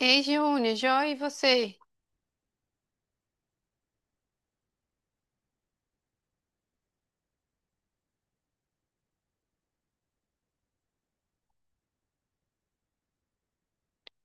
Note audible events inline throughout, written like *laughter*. Ei, Júnior, joia, e você?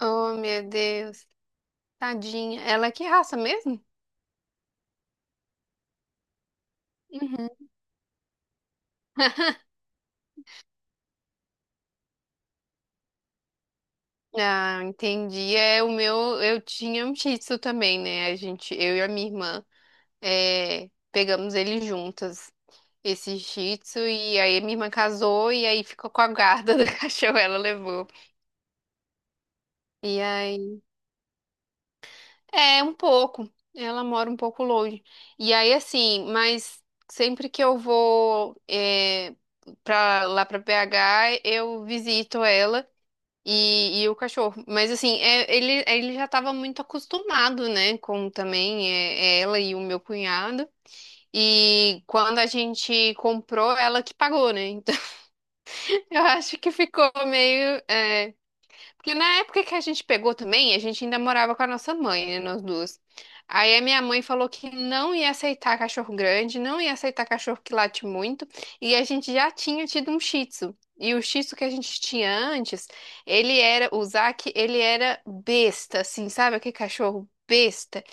Oh, meu Deus, tadinha. Ela é que raça mesmo? Uhum. *laughs* Ah, entendi. É o meu, eu tinha um Shih Tzu também, né? A gente, eu e a minha irmã, pegamos ele juntas, esse Shih Tzu, e aí a minha irmã casou e aí ficou com a guarda do *laughs* cachorro, ela levou. E aí é, um pouco. Ela mora um pouco longe. E aí, assim, mas sempre que eu vou pra, lá pra BH, eu visito ela e o cachorro. Mas, assim, ele já tava muito acostumado, né, com também ela e o meu cunhado. E quando a gente comprou, ela que pagou, né? Então, *laughs* eu acho que ficou meio. Porque na época que a gente pegou também, a gente ainda morava com a nossa mãe, né, nós duas. Aí a minha mãe falou que não ia aceitar cachorro grande, não ia aceitar cachorro que late muito, e a gente já tinha tido um Shih Tzu. E o Shih Tzu que a gente tinha antes, o Zaki, ele era besta, assim, sabe? Aquele cachorro besta,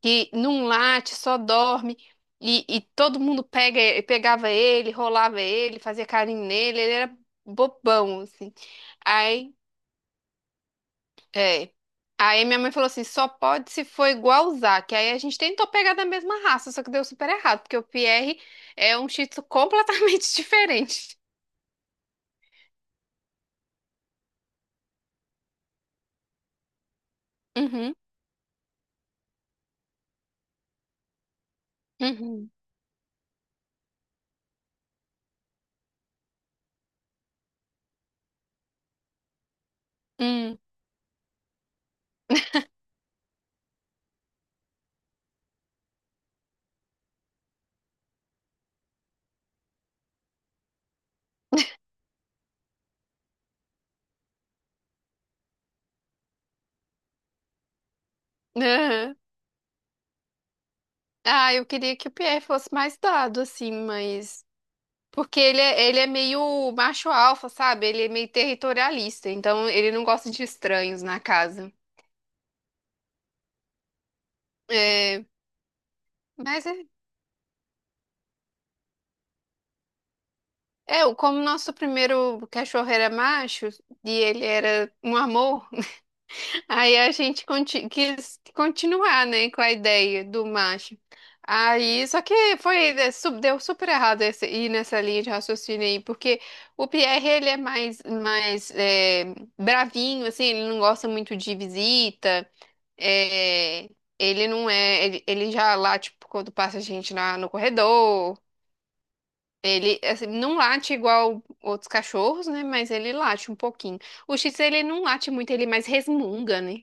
que não late, só dorme. E todo mundo pegava ele, rolava ele, fazia carinho nele, ele era bobão, assim. Aí é. Aí minha mãe falou assim, só pode se for igual o Zac. Aí a gente tentou pegar da mesma raça, só que deu super errado, porque o Pierre é um Shih Tzu completamente *laughs* diferente. Uhum, uhum, uhum, aham. Ah, eu queria que o Pierre fosse mais dado, assim, mas... Porque ele é meio macho alfa, sabe? Ele é meio territorialista, então ele não gosta de estranhos na casa. É, mas como o nosso primeiro cachorro era macho e ele era um amor. Aí a gente quis continuar, né, com a ideia do macho. Aí, só que foi, deu super errado esse, ir nessa linha de raciocínio aí, porque o Pierre, mais bravinho, assim, ele não gosta muito de visita, é, ele não é, ele já late tipo, quando passa gente no corredor, ele, assim, não late igual outros cachorros, né, mas ele late um pouquinho. O X, ele não late muito, ele é mais resmunga, né?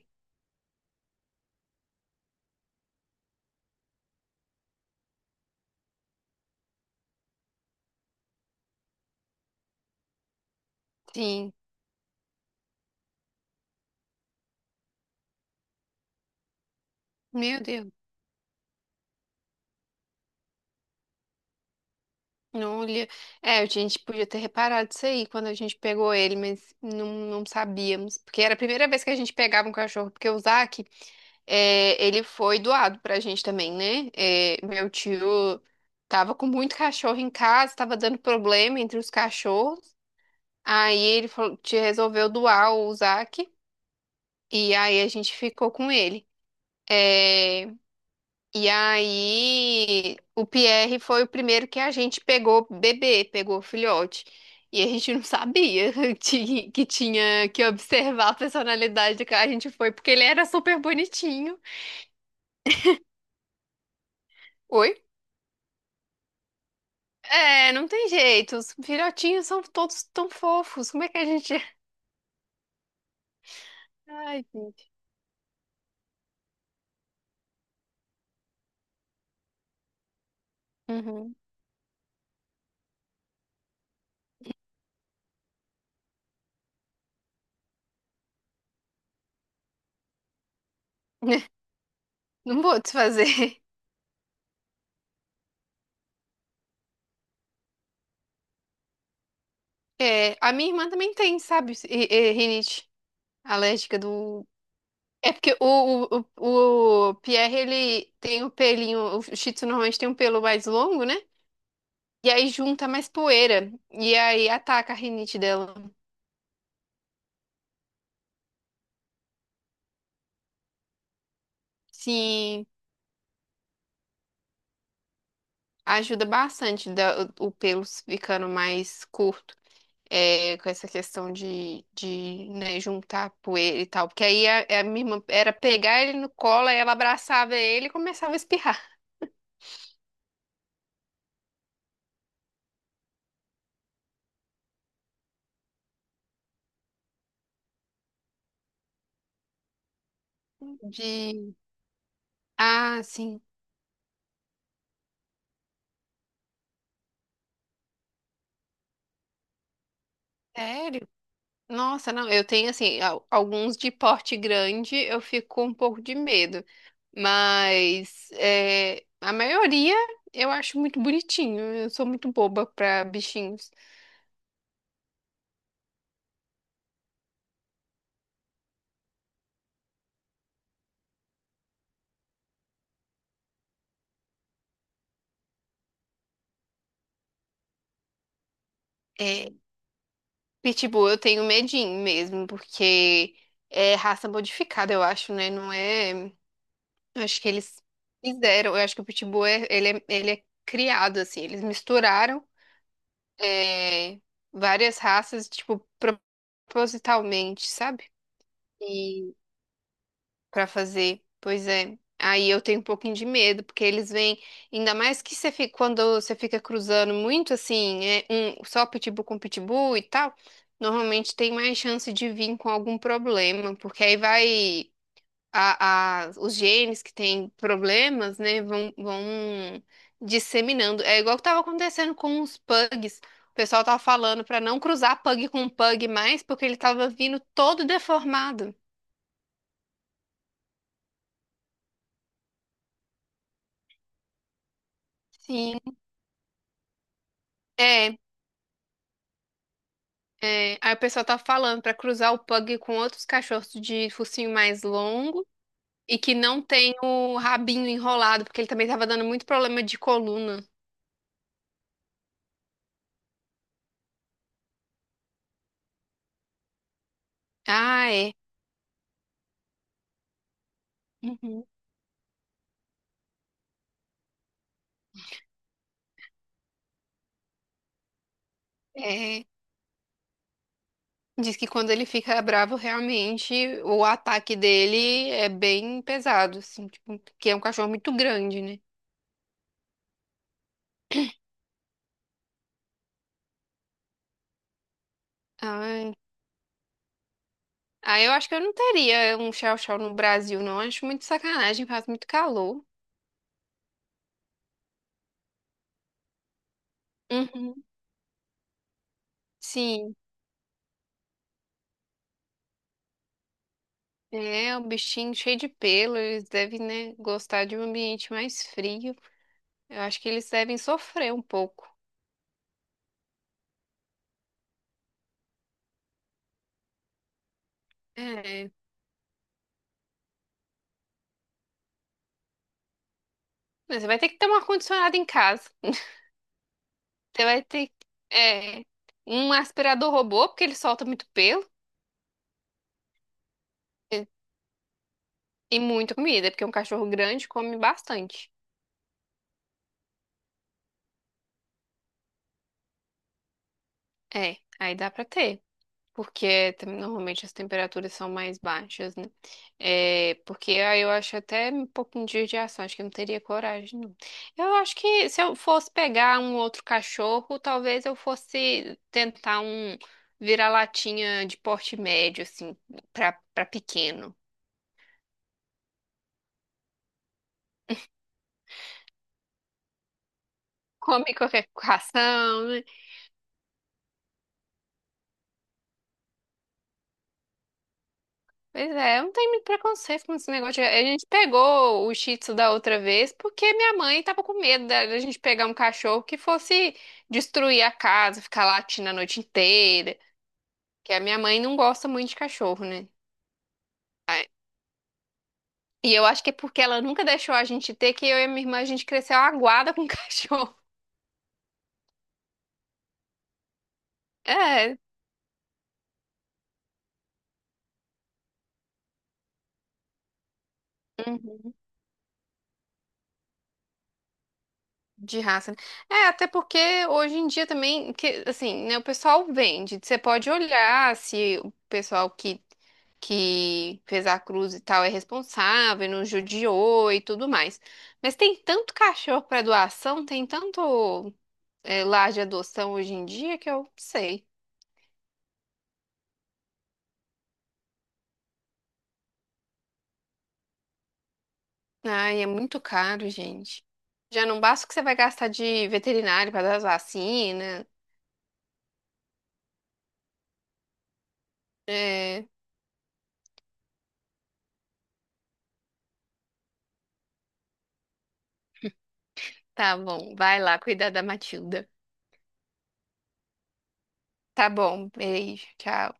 Sim. Meu Deus, não olhei. É, a gente podia ter reparado isso aí quando a gente pegou ele, mas não, não sabíamos. Porque era a primeira vez que a gente pegava um cachorro, porque o Zac, ele foi doado pra gente também, né? É, meu tio tava com muito cachorro em casa, tava dando problema entre os cachorros. Aí ele falou, te resolveu doar o Zac, e aí a gente ficou com ele. É, e aí, o Pierre foi o primeiro que a gente pegou bebê, pegou filhote. E a gente não sabia *laughs* que tinha que observar a personalidade do cara. A gente foi porque ele era super bonitinho. Oi? É, não tem jeito. Os filhotinhos são todos tão fofos. Como é que a gente. *laughs* Ai, gente. Uhum. *laughs* Não vou desfazer. *laughs* É, a minha irmã também tem, sabe? Rinite alérgica do. É porque o Pierre, ele tem o pelinho, o Shih Tzu normalmente tem um pelo mais longo, né? E aí junta mais poeira. E aí ataca a rinite dela. Sim, ajuda bastante o pelo ficando mais curto. É, com essa questão de né, juntar poeira e tal. Porque aí a- minha irmã era pegar ele no colo, aí ela abraçava ele e começava a espirrar. De... Ah, sim. Sério? Nossa, não, eu tenho assim, alguns de porte grande eu fico com um pouco de medo, mas é, a maioria eu acho muito bonitinho. Eu sou muito boba pra bichinhos. É, pitbull eu tenho medinho mesmo, porque é raça modificada, eu acho, né? Não é. Acho que eles fizeram. Eu acho que ele é criado assim, eles misturaram é, várias raças, tipo, propositalmente, sabe? Pra fazer. Pois é. Aí eu tenho um pouquinho de medo, porque eles vêm, ainda mais que quando você fica cruzando muito assim, é um só pitbull com pitbull e tal, normalmente tem mais chance de vir com algum problema, porque aí vai os genes que têm problemas, né, vão disseminando. É igual que tava acontecendo com os pugs. O pessoal tava falando pra não cruzar pug com pug mais, porque ele tava vindo todo deformado. Sim. É, é, aí o pessoal tá falando pra cruzar o pug com outros cachorros de focinho mais longo e que não tem o rabinho enrolado, porque ele também tava dando muito problema de coluna. Ah, é. Uhum. É. Diz que quando ele fica bravo, realmente o ataque dele é bem pesado, assim, tipo, porque é um cachorro muito grande, né? Ai. Ah, eu acho que eu não teria um chow-chow no Brasil, não. Acho muito sacanagem, faz muito calor. Uhum. Sim. É, o bichinho cheio de pelo, eles devem, né, gostar de um ambiente mais frio. Eu acho que eles devem sofrer um pouco. É. Mas você vai ter que ter um ar-condicionado em casa. Você vai ter, é, um aspirador robô, porque ele solta muito pelo. E muita comida, porque um cachorro grande come bastante. É, aí dá pra ter. Porque normalmente as temperaturas são mais baixas, né? É, porque aí eu acho até um pouquinho de judiação, acho que eu não teria coragem, não. Eu acho que se eu fosse pegar um outro cachorro, talvez eu fosse tentar um vira-latinha de porte médio, assim, pra pequeno. Come qualquer *laughs* ração, né? Pois é, eu não tenho muito preconceito com esse negócio. A gente pegou o Shih Tzu da outra vez porque minha mãe tava com medo da gente pegar um cachorro que fosse destruir a casa, ficar latindo a noite inteira. Que a minha mãe não gosta muito de cachorro, né? Ah, e eu acho que é porque ela nunca deixou a gente ter, que eu e a minha irmã a gente cresceu aguada com *laughs* cachorro. É. Uhum. De raça. Né? É, até porque hoje em dia também, que, assim, né, o pessoal vende. Você pode olhar se o pessoal que fez a cruz e tal é responsável, não judiou e tudo mais. Mas tem tanto cachorro para doação, tem tanto lar de adoção hoje em dia que eu sei. Ai, é muito caro, gente. Já não basta o que você vai gastar de veterinário para dar as vacinas. É, tá bom, vai lá cuidar da Matilda. Tá bom, beijo, tchau.